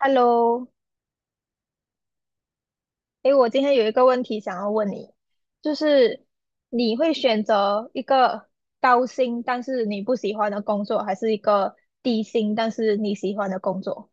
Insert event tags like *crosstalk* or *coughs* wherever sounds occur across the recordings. Hello，诶，我今天有一个问题想要问你，就是你会选择一个高薪但是你不喜欢的工作，还是一个低薪但是你喜欢的工作？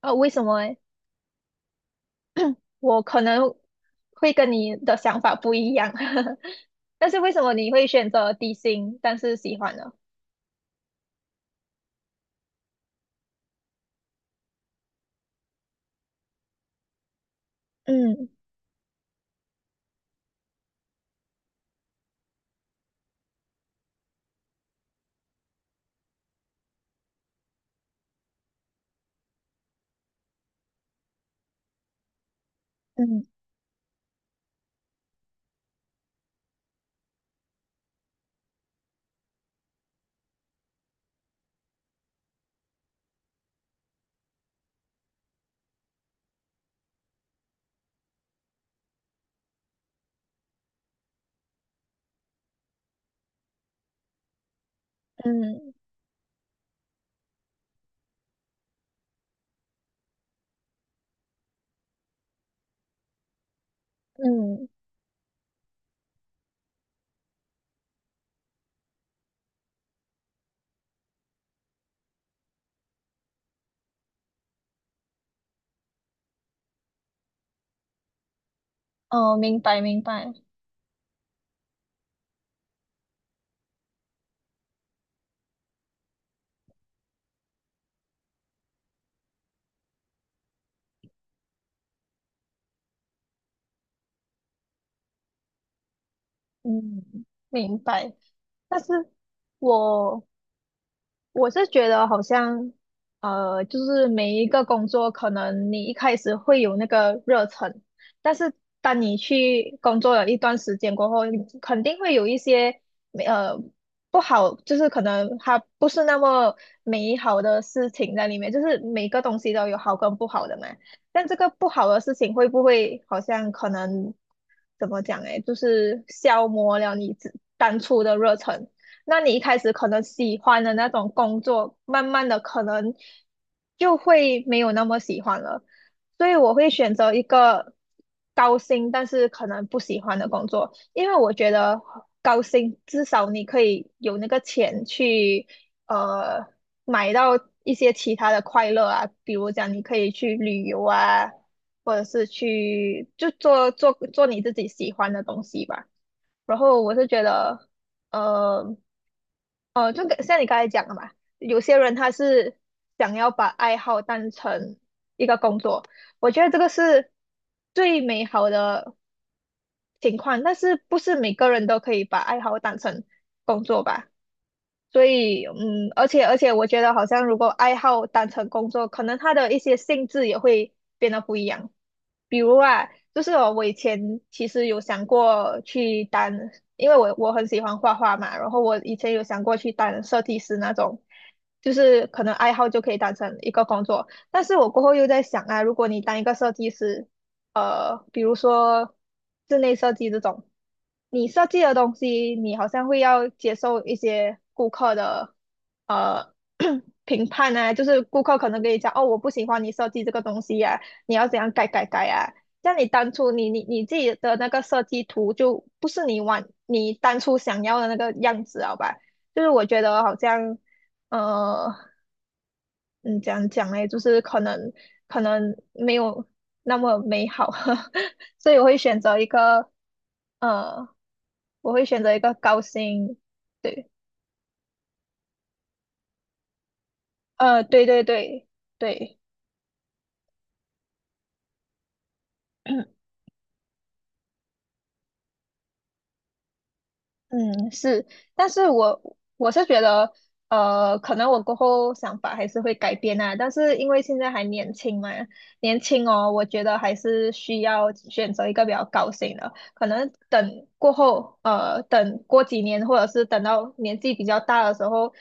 为什么诶？我可能会跟你的想法不一样，*laughs* 但是为什么你会选择低薪但是喜欢呢？嗯嗯嗯嗯，哦，明白明白，嗯，明白。但是我我是觉得好像，就是每一个工作，可能你一开始会有那个热忱，但是当你去工作了一段时间过后，你肯定会有一些，呃，不好，就是可能它不是那么美好的事情在里面，就是每个东西都有好跟不好的嘛。但这个不好的事情会不会好像可能怎么讲诶，就是消磨了你自当初的热忱？那你一开始可能喜欢的那种工作，慢慢的可能就会没有那么喜欢了。所以我会选择一个高薪，但是可能不喜欢的工作，因为我觉得高薪至少你可以有那个钱去呃买到一些其他的快乐啊，比如讲你可以去旅游啊，或者是去就做你自己喜欢的东西吧。然后我是觉得。呃，哦，就跟像你刚才讲的嘛，有些人他是想要把爱好当成一个工作，我觉得这个是最美好的情况，但是不是每个人都可以把爱好当成工作吧？所以，嗯，而且，我觉得好像如果爱好当成工作，可能它的一些性质也会变得不一样。比如啊，就是哦我以前其实有想过去当，因为我很喜欢画画嘛，然后我以前有想过去当设计师那种，就是可能爱好就可以当成一个工作。但是我过后又在想啊，如果你当一个设计师，比如说室内设计这种，你设计的东西，你好像会要接受一些顾客的呃 *coughs* *clears throat* 评判呢，就是顾客可能跟你讲，哦，我不喜欢你设计这个东西呀、你要怎样改改改啊。像你当初你自己的那个设计图就不是你当初想要的那个样子，好吧？就是我觉得好像，呃，嗯，怎样讲嘞？就是可能没有那么美好，*laughs* 所以我会选择一个呃，我会选择一个高薪，对，对对对对，*clears throat* 嗯，是，但是我是觉得，可能我过后想法还是会改变啊，但是因为现在还年轻嘛，年轻哦，我觉得还是需要选择一个比较高薪的，可能等过后，等过几年，或者是等到年纪比较大的时候，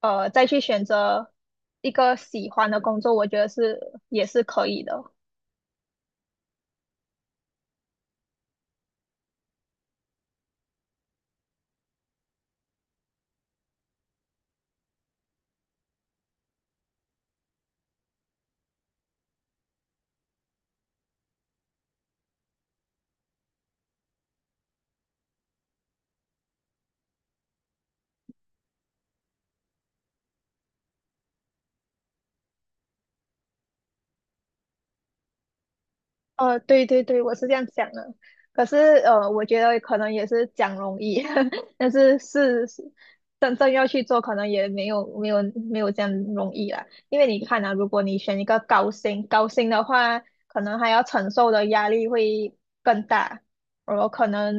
再去选择一个喜欢的工作，我觉得是也是可以的。对对对，我是这样想的。可是，我觉得可能也是讲容易，*laughs* 但是是真正要去做，可能也没有这样容易啦。因为你看啊，如果你选一个高薪的话，可能还要承受的压力会更大，我可能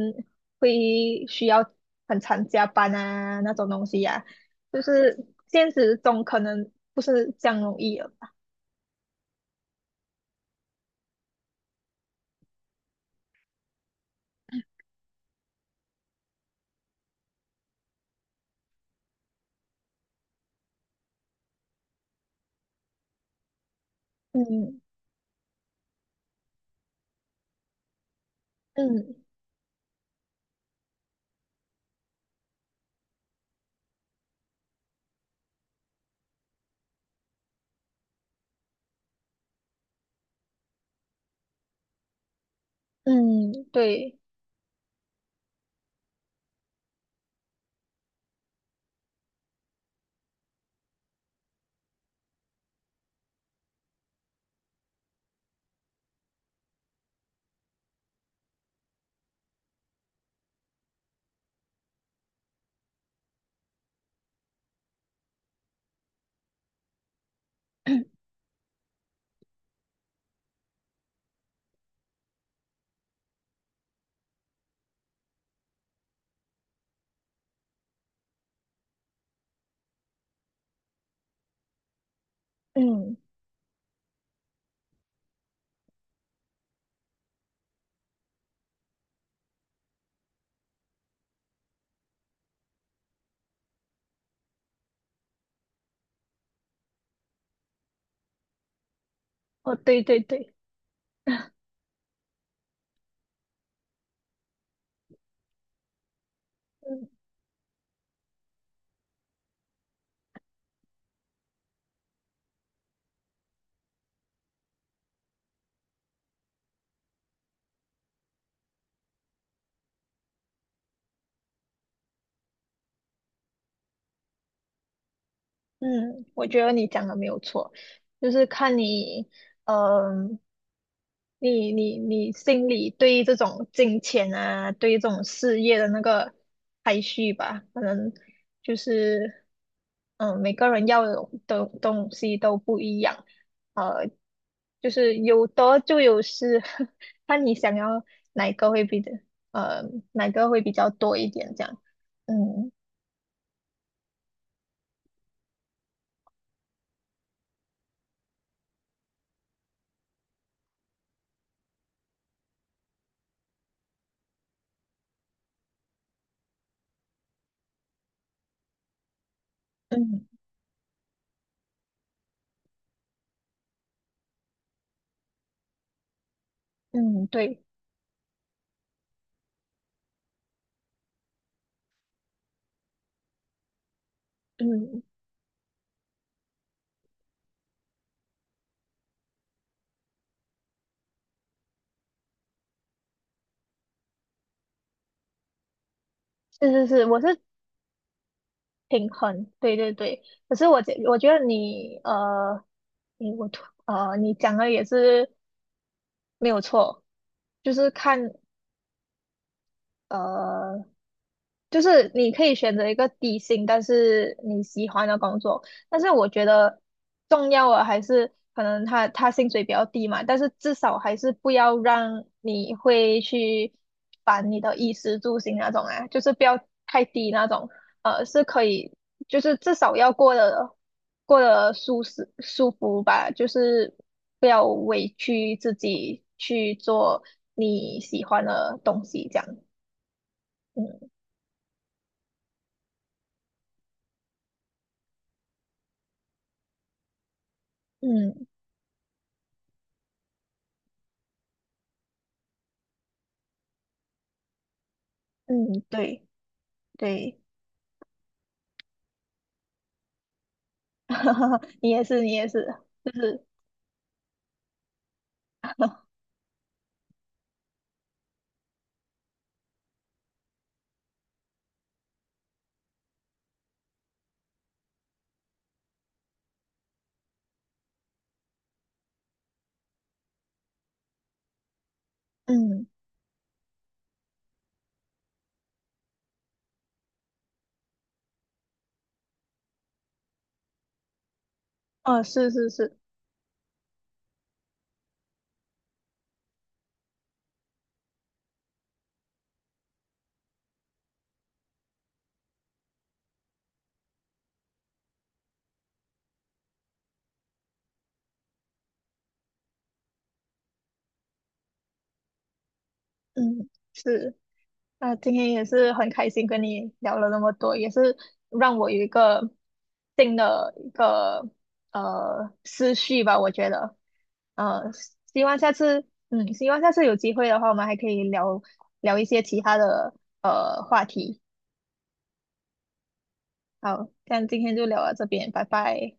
会需要很常加班啊那种东西呀、就是现实中可能不是这样容易了。嗯嗯嗯，对，嗯。哦，对对对，嗯嗯，我觉得你讲的没有错，就是看你，嗯、你心里对于这种金钱啊，对于这种事业的那个排序吧，可能就是，嗯、每个人要的东西都不一样，呃，就是有得就有失，*laughs* 看你想要哪个会比的，呃，哪个会比较多一点这样，嗯嗯嗯，对。嗯，是是是，我是平衡，对对对。可是我觉得你呃，你我突呃，你讲的也是没有错，就是看呃就是你可以选择一个低薪，但是你喜欢的工作。但是我觉得重要的还是可能他薪水比较低嘛，但是至少还是不要让你会去烦你的衣食住行那种啊，就是不要太低那种，是可以，就是至少要过得舒适舒服吧，就是不要委屈自己去做你喜欢的东西，这样。嗯嗯嗯，对。对，*laughs* 你也是，你也是，就是，*laughs* 嗯，哦，是是是，嗯，是。那今天也是很开心跟你聊了那么多，也是让我有一个新的一个思绪吧，我觉得，呃，希望下次，嗯，希望下次有机会的话，我们还可以聊聊一些其他的话题。好，那今天就聊到这边，拜拜。